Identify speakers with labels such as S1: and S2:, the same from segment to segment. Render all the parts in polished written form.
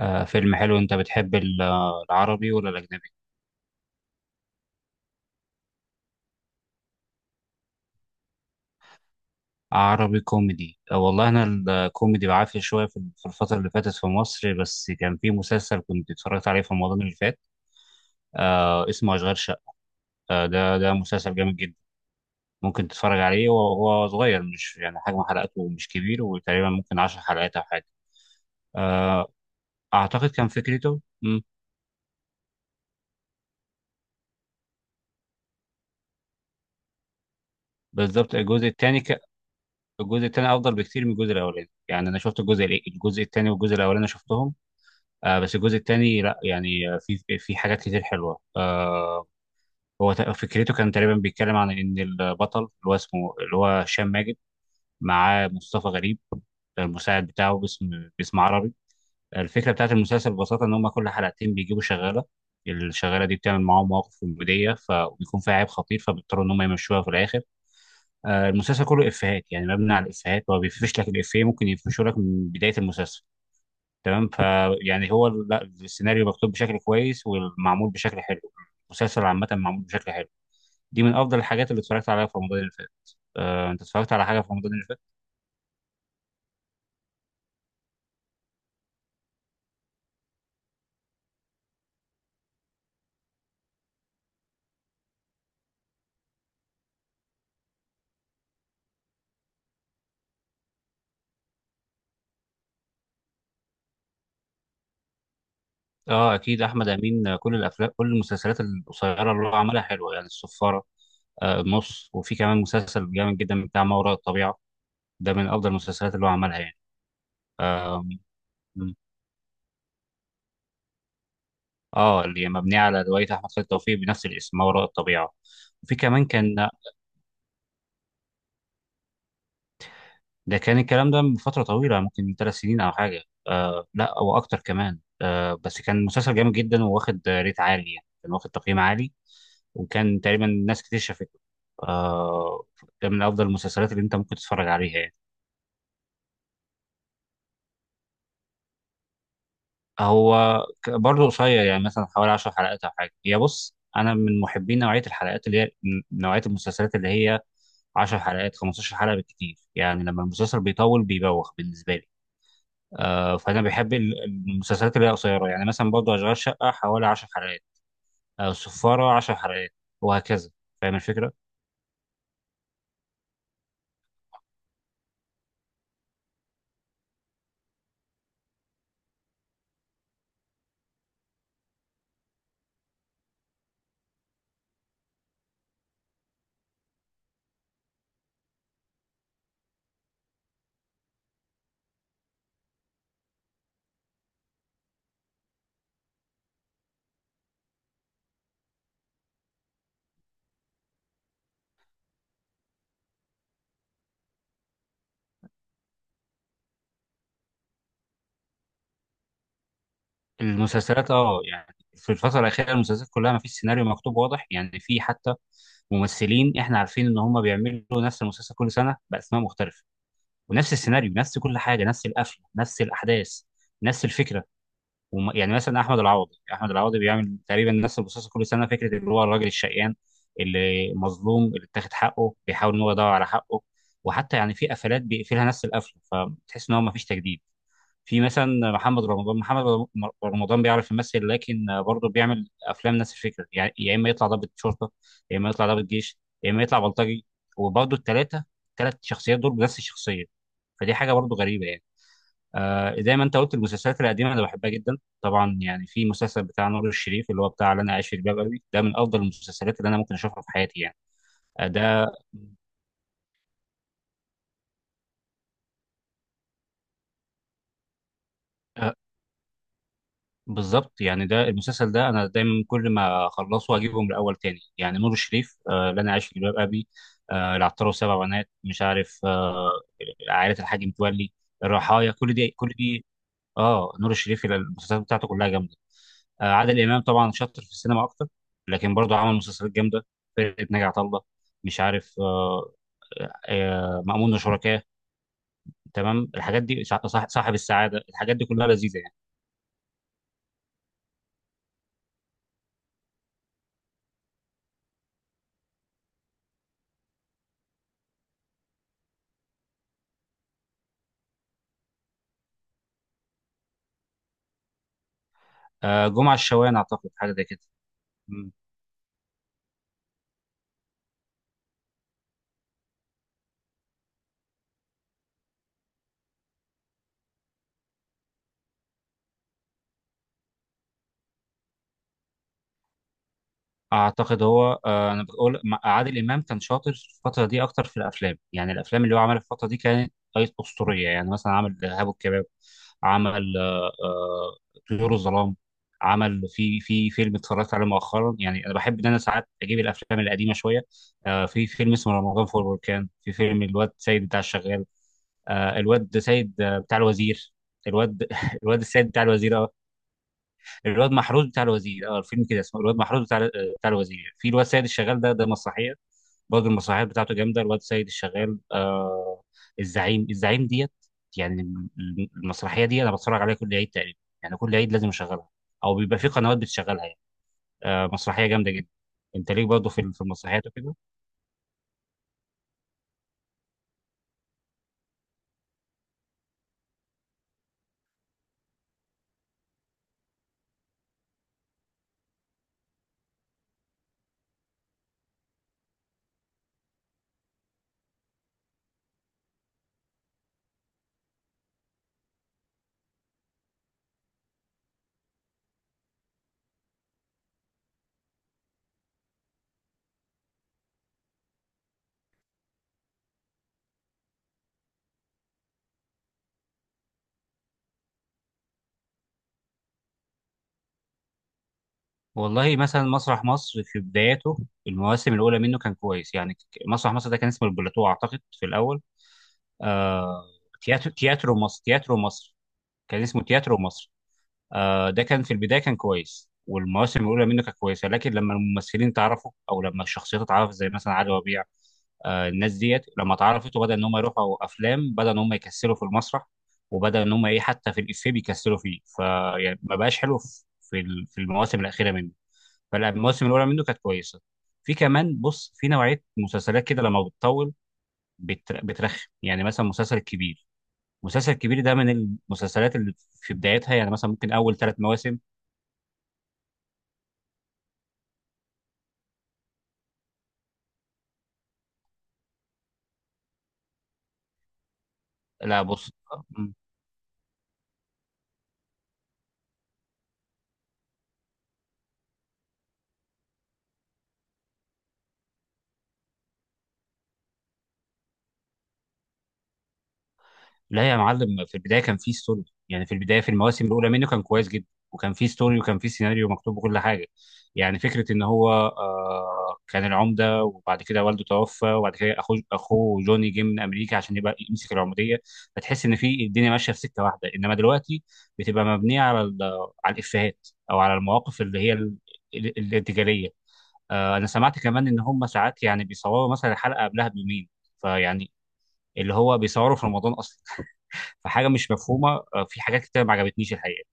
S1: آه، فيلم حلو. العربي ولا الاجنبي؟ عربي كوميدي آه والله انا الكوميدي بعافيه شويه في الفتره اللي فاتت في مصر، بس كان في مسلسل كنت اتفرجت عليه في رمضان اللي فات، آه اسمه اشغال شقه. آه، ده مسلسل جامد جدا. ممكن تتفرج عليه وهو صغير، مش يعني حجم حلقاته مش كبير، وتقريبا ممكن 10 حلقات او حاجه. آه، اعتقد كان فكرته. بالظبط، الجزء الثاني افضل بكتير من الجزء الاولاني. يعني انا شفت الجزء الثاني والجزء الاولاني شفتهم. آه، بس الجزء الثاني لا يعني في حاجات كتير حلوه آه. فكرته كان تقريبا بيتكلم عن ان البطل اللي هو اسمه اللي هو هشام ماجد، معاه مصطفى غريب المساعد بتاعه، باسم، باسم عربي. الفكره بتاعت المسلسل ببساطه ان هم كل حلقتين بيجيبوا شغاله. الشغاله دي بتعمل معاهم مواقف كوميديه، فبيكون فيها عيب خطير فبيضطروا ان هم يمشوها في الاخر. آه، المسلسل كله افيهات، يعني مبني على الافيهات. هو بيفرش لك الافيه ممكن يفرشه لك من بدايه المسلسل. تمام، فيعني هو ال- لا السيناريو مكتوب بشكل كويس والمعمول بشكل حلو. المسلسل عامة معمول بشكل حلو. دي من أفضل الحاجات اللي اتفرجت عليها في رمضان اللي فات. آه، أنت اتفرجت على حاجة في رمضان اللي فات؟ أه، أكيد. أحمد أمين آه، كل الأفلام كل المسلسلات القصيرة اللي هو عملها حلوة، يعني الصفارة آه، النص. وفي كمان مسلسل جامد جدا بتاع ما وراء الطبيعة. ده من أفضل المسلسلات اللي هو عملها يعني. آم، م. اه اللي هي مبنية على رواية أحمد خالد توفيق بنفس الاسم، ما وراء الطبيعة. وفي كمان كان، ده كان الكلام ده من فترة طويلة، ممكن من ثلاث سنين أو حاجة. آه لا، أو أكتر كمان. آه بس كان مسلسل جامد جدا، وواخد ريت عالي، يعني كان واخد تقييم عالي وكان تقريبا ناس كتير شافته. آه، ده من أفضل المسلسلات اللي أنت ممكن تتفرج عليها يعني. برضه قصير يعني، مثلا حوالي 10 حلقات أو حاجة. هي بص، أنا من محبين نوعية الحلقات اللي هي نوعية المسلسلات اللي هي 10 حلقات، 15 حلقة بالكتير. يعني لما المسلسل بيطول بيبوخ بالنسبة لي. آه، فانا بحب المسلسلات اللي هي قصيره. يعني مثلا برضه اشغال شقه حوالي 10 حلقات، او السفاره 10 حلقات، وهكذا. فاهم الفكره؟ المسلسلات اه، يعني في الفتره الاخيره المسلسلات كلها ما فيش سيناريو مكتوب واضح. يعني في حتى ممثلين احنا عارفين ان هم بيعملوا نفس المسلسل كل سنه باسماء مختلفه، ونفس السيناريو، نفس كل حاجه، نفس القفله، نفس الاحداث، نفس الفكره. يعني مثلا احمد العوضي بيعمل تقريبا نفس البصاصه كل سنه، فكره اللي هو الراجل الشقيان اللي مظلوم اللي اتاخد حقه بيحاول ان هو يدور على حقه، وحتى يعني في قفلات بيقفلها نفس القفله، فتحس ان هو ما فيش تجديد. في مثلا محمد رمضان محمد رم- رمضان بيعرف يمثل لكن برضه بيعمل افلام نفس الفكره. يعني يا اما يطلع ضابط شرطه، يا اما يطلع ضابط جيش، يا اما يطلع بلطجي، وبرضه الثلاث شخصيات دول بنفس الشخصيه. فدي حاجه برضه غريبه يعني. آه، زي ما انت قلت المسلسلات القديمه انا بحبها جدا. طبعا يعني في مسلسل بتاع نور الشريف، اللي هو بتاع اللي انا عايش في جلباب ابي، ده من افضل المسلسلات اللي انا ممكن اشوفها في حياتي يعني. آه، ده آه، بالظبط. يعني ده المسلسل ده انا دايما كل ما اخلصه اجيبه من الاول تاني. يعني نور الشريف آه، اللي انا عايش في جلباب ابي، آه، العطار وسبع بنات، مش عارف آه، عائله الحاج متولي، الرحايا، كل دي. اه نور الشريف المسلسلات بتاعته كلها جامده. آه عادل امام طبعا شاطر في السينما اكتر، لكن برضه عمل مسلسلات جامده. فرقه ناجي عطا الله، مش عارف آه، آه، مأمون وشركاه. تمام، الحاجات دي، صاحب السعاده، الحاجات دي كلها لذيذه يعني. آه جمعه الشوان، اعتقد حاجه زي كده. اعتقد هو آه، انا بقول عادل امام كان شاطر في الفتره دي اكتر في الافلام. يعني الافلام اللي هو عملها في الفتره دي كانت اسطوريه. يعني مثلا عمل ارهاب والكباب، عمل طيور الظلام، عمل في فيلم اتفرجت عليه مؤخرا. يعني انا بحب ان انا ساعات اجيب الافلام القديمه شويه. آه، في فيلم اسمه رمضان فوق البركان، في فيلم الواد سيد بتاع الشغال، آه، الواد سيد آه، بتاع الوزير. الواد الواد السيد بتاع الوزير، الواد محروس بتاع الوزير. اه، الفيلم كده اسمه الواد محروس بتاع الوزير. في الواد سيد الشغال، ده مسرحيه. برضه المسرحيات بتاعته جامده. الواد سيد الشغال آه، الزعيم، ديت. يعني المسرحيه دي انا بتفرج عليها كل عيد تقريبا. يعني كل عيد لازم اشغلها، او بيبقى في قنوات بتشغلها يعني. آه، مسرحيه جامده جدا. انت ليك برضه في المسرحيات وكده؟ والله مثلا مسرح مصر في بداياته، المواسم الاولى منه كان كويس. مسرح مصر ده كان اسمه البلاتو اعتقد في الاول. آه، تياترو مصر، تياترو مصر. كان اسمه تياترو مصر. آه، ده كان في البدايه كان كويس، والمواسم الاولى منه كانت كويسه، لكن لما الممثلين تعرفوا، او لما الشخصيات اتعرفت زي مثلا علي ربيع، آه الناس ديت لما اتعرفت وبدا ان هم يروحوا افلام، بدا ان هم يكسلوا في المسرح، وبدا ان هم ايه، حتى في الافيه بيكسلوا فيه. فيعني ما بقاش حلو في في المواسم الاخيره منه. فلا، المواسم الاولى منه كانت كويسه. في كمان بص، في نوعيه مسلسلات كده لما بتطول بترخم. يعني مثلا مسلسل الكبير، مسلسل كبير ده من المسلسلات اللي في بدايتها، يعني مثلا ممكن اول ثلاث مواسم. لا بص، مم. لا يا معلم، في البدايه كان فيه ستوري. يعني في البدايه في المواسم الاولى منه كان كويس جدا، وكان فيه ستوري، وكان فيه سيناريو مكتوب وكل حاجه. يعني فكره ان هو آه، كان العمده وبعد كده والده توفى، وبعد كده اخوه جوني جه من امريكا عشان يبقى يمسك العموديه. فتحس ان في الدنيا ماشيه في سكه واحده، انما دلوقتي بتبقى مبنيه على الافيهات، او على المواقف اللي هي ال- ال- الارتجاليه. آه، انا سمعت كمان ان هم ساعات يعني بيصوروا مثلا الحلقه قبلها بيومين. فيعني اللي هو بيصوروا في رمضان اصلا. فحاجه مش مفهومه. آه، في حاجات كتير ما عجبتنيش الحقيقه.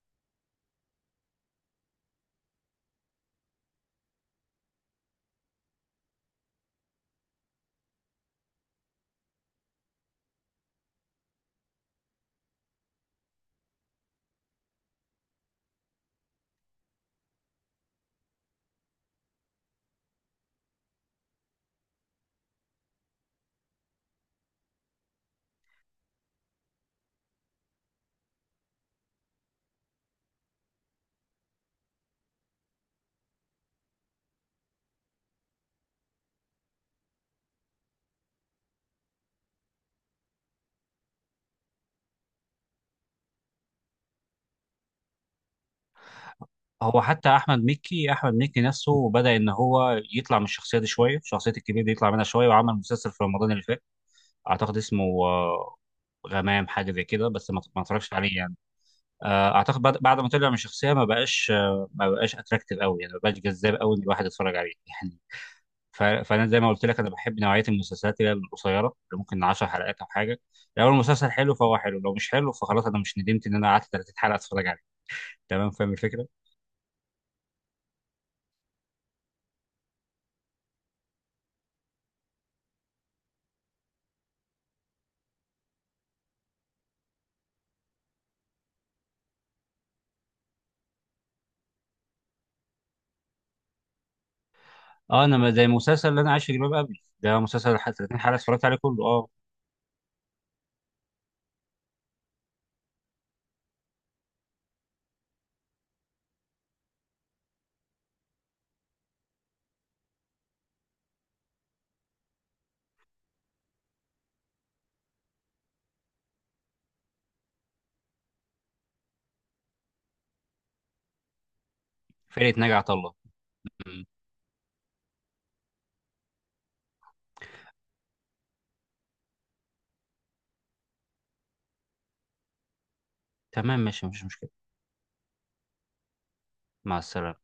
S1: هو حتى احمد مكي نفسه بدا ان هو يطلع من الشخصيه دي شويه، شخصيه الكبير دي يطلع منها شويه، وعمل مسلسل في رمضان اللي فات اعتقد اسمه آه، غمام حاجه زي كده، بس ما ما اتفرجش عليه يعني. آه، اعتقد بعد ما طلع من الشخصيه ما بقاش ما بقاش اتراكتيف قوي، يعني ما بقاش جذاب قوي ان الواحد يتفرج عليه يعني. فانا زي ما قلت لك انا بحب نوعيه المسلسلات اللي هي القصيره، اللي ممكن 10 حلقات او حاجه. لو المسلسل حلو فهو حلو، لو مش حلو فخلاص، انا مش ندمت ان انا قعدت 30 حلقه اتفرج عليه. تمام، فاهم الفكره؟ اه. انا ما- زي المسلسل اللي انا عايش في جلباب ابي، ده مسلسل 30 حلقه اتفرجت عليه كله اه. فرقه ناجي عطا الله م- تمام، ماشي، مفيش مشكله. مع السلامه.